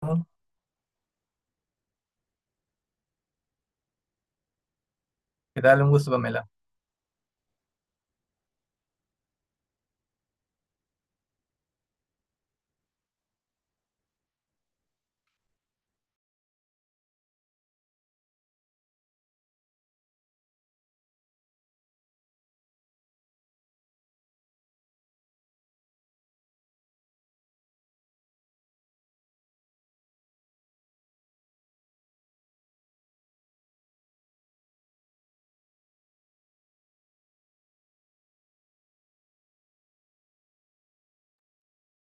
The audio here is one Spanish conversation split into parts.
¿Qué tal? Un gusto, Pamela.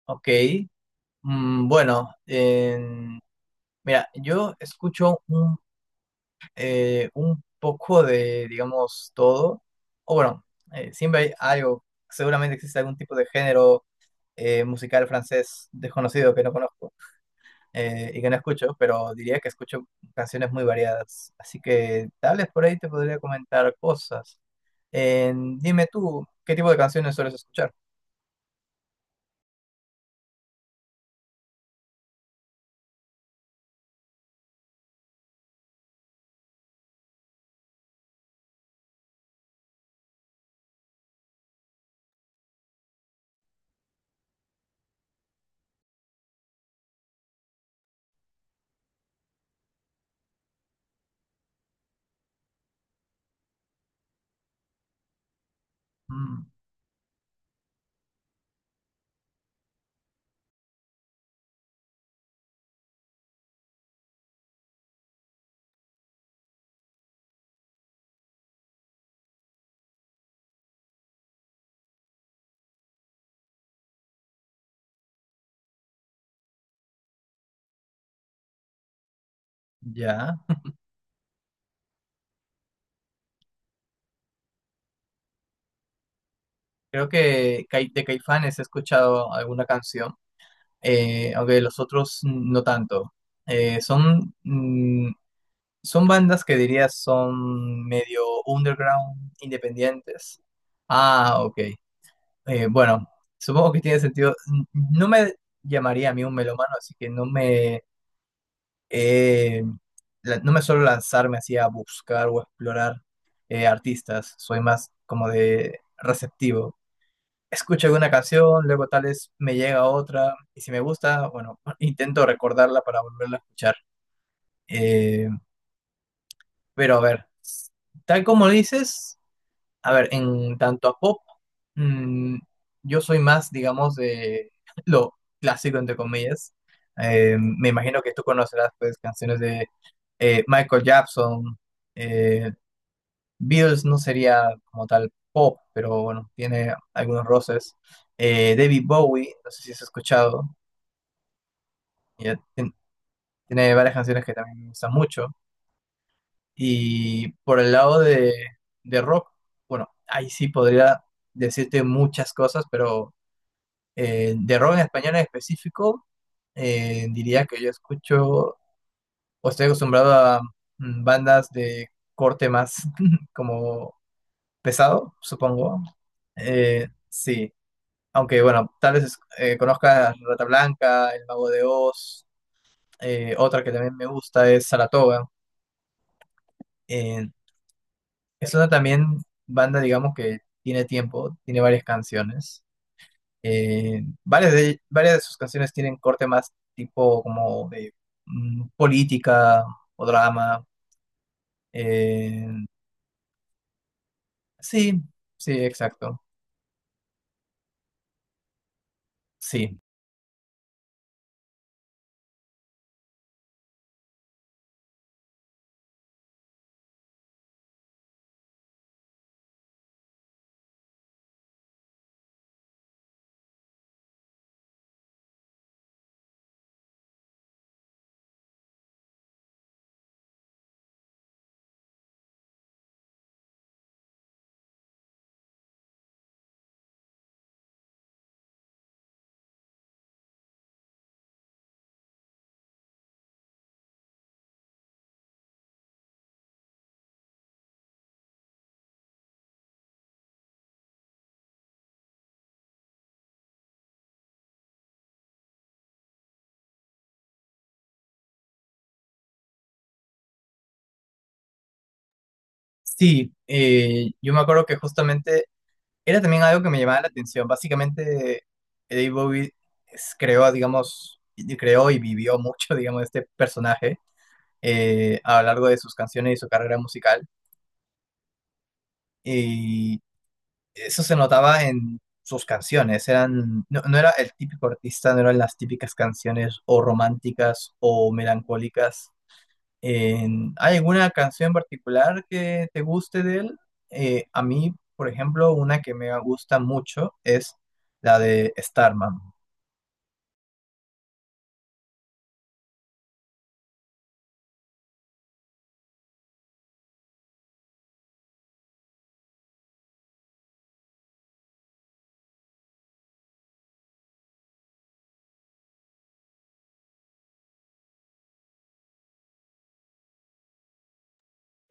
Ok. Bueno, mira, yo escucho un poco de, digamos, todo. O bueno, siempre hay algo, seguramente existe algún tipo de género musical francés desconocido que no conozco, y que no escucho, pero diría que escucho canciones muy variadas. Así que tal vez por ahí te podría comentar cosas. Dime tú, ¿qué tipo de canciones sueles escuchar? Mm, ya. Creo que de Caifanes he escuchado alguna canción, aunque de los otros no tanto. Eh, son, mm, son bandas que diría son medio underground, independientes. Ah, ok. Bueno, supongo que tiene sentido. No me llamaría a mí un melómano, así que eh, no me suelo lanzarme así a buscar o explorar artistas. Soy más como de receptivo, escucho alguna canción, luego tal vez me llega otra, y si me gusta, bueno, intento recordarla para volverla a escuchar. Eh, pero a ver, tal como dices, a ver, en tanto a pop, mm, yo soy más, digamos, de lo clásico, entre comillas. Me imagino que tú conocerás, pues, canciones de Michael Jackson, eh, Beatles no sería como tal pop, pero bueno, tiene algunos roces. David Bowie, no sé si has escuchado, ya tien- tiene varias canciones que también me gustan mucho. Y por el lado de rock, bueno, ahí sí podría decirte muchas cosas, pero de rock en español en específico, diría que yo escucho o estoy acostumbrado a bandas de corte más como pesado, supongo. Sí. Aunque bueno, tal vez conozcas Rata Blanca, El Mago de Oz, otra que también me gusta es Saratoga. Eh, es una también banda, digamos, que tiene tiempo, tiene varias canciones. Varias de sus canciones tienen corte más tipo como de política o drama. Eh, sí, sí, exacto. Sí, sí. Yo me acuerdo que justamente era también algo que me llamaba la atención. Básicamente, Eddie Bowie creó, digamos, creó y vivió mucho, digamos, este personaje a lo largo de sus canciones y su carrera musical. Y eso se notaba en sus canciones. Eran, no, no era el típico artista, no eran las típicas canciones o románticas o melancólicas. ¿Hay alguna canción en particular que te guste de él? A mí, por ejemplo, una que me gusta mucho es la de Starman.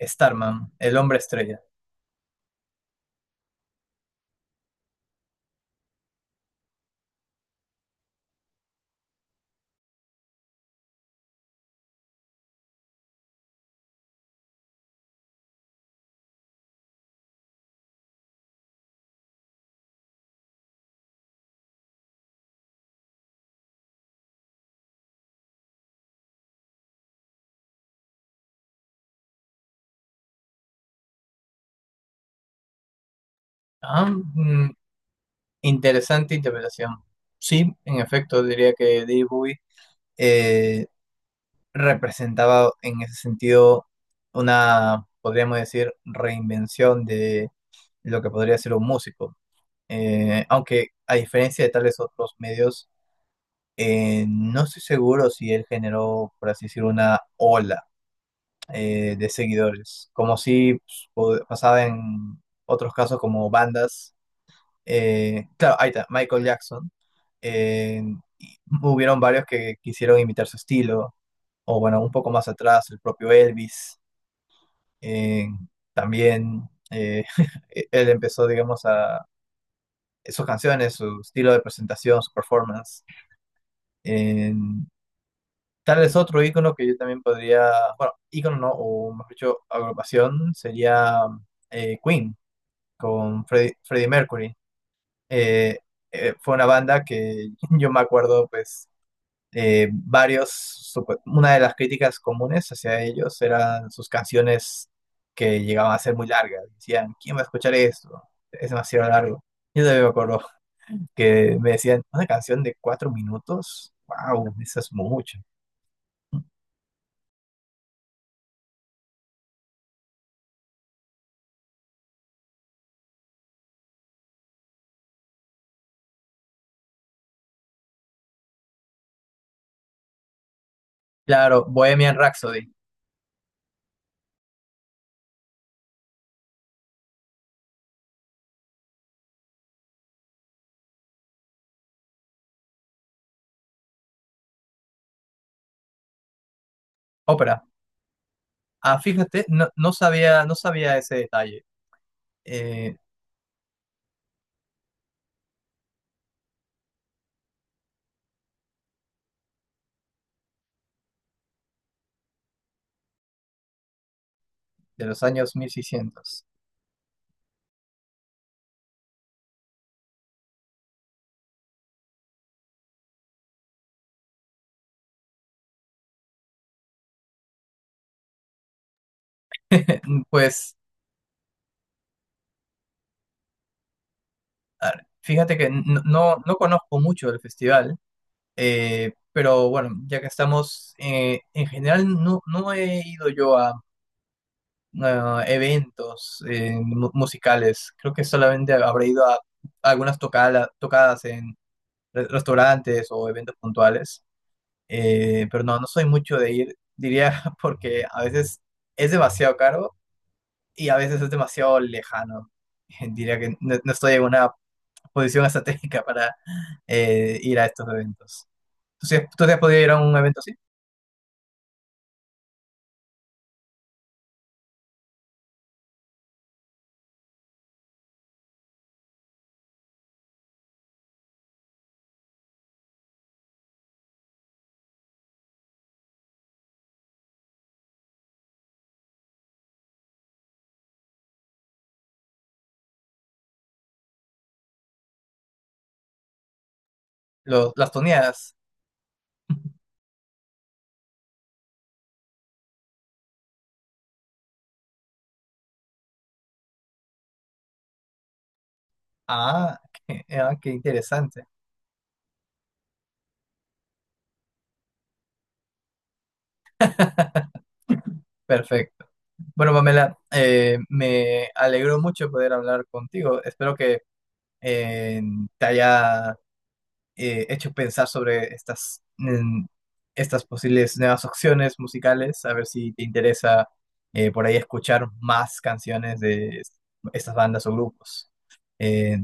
Starman, el hombre estrella. Ah, mm, interesante interpretación. Sí, en efecto, diría que David Bowie eh, representaba en ese sentido una, podríamos decir, reinvención de lo que podría ser un músico. Aunque a diferencia de tales otros medios, no estoy seguro si él generó, por así decirlo, una ola de seguidores, como si pues, pasaba en otros casos como bandas. Claro, ahí está, Michael Jackson. eh, y hubieron varios que quisieron imitar su estilo, o bueno, un poco más atrás, el propio Elvis. Eh, también eh, él empezó, digamos, a sus canciones, su estilo de presentación, su performance. eh, Tal vez otro icono que yo también podría, bueno, icono no, o mejor dicho, agrupación sería Queen con Freddie Mercury. Eh, Fue una banda que yo me acuerdo, pues, eh, varios, una de las críticas comunes hacia ellos eran sus canciones que llegaban a ser muy largas. Decían, ¿quién va a escuchar esto? Es demasiado largo. Yo también me acuerdo que me decían, ¿una canción de 4 minutos? ¡Wow! Eso es mucho. Claro, Bohemian Rhapsody. Ópera. Ah, fíjate, no, no sabía, no sabía ese detalle eh, de los años 1600. Pues, a ver, fíjate que no, no conozco mucho del festival, pero bueno, ya que estamos, en general no, no he ido yo a eventos musicales. Creo que solamente habré ido a algunas tocadas en restaurantes o eventos puntuales. Pero no, no soy mucho de ir, diría, porque a veces es demasiado caro y a veces es demasiado lejano. Diría que no, no estoy en una posición estratégica para ir a estos eventos. ¿Tú, tú te has podido ir a un evento así? Las tuneadas. Ah, qué, ah, qué interesante. Perfecto. Bueno, Pamela, me alegró mucho poder hablar contigo. Espero que eh, te haya hecho pensar sobre estas, estas posibles nuevas opciones musicales, a ver si te interesa por ahí escuchar más canciones de estas bandas o grupos. Eh,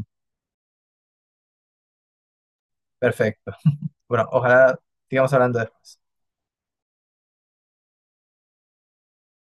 perfecto. Bueno, ojalá sigamos hablando después.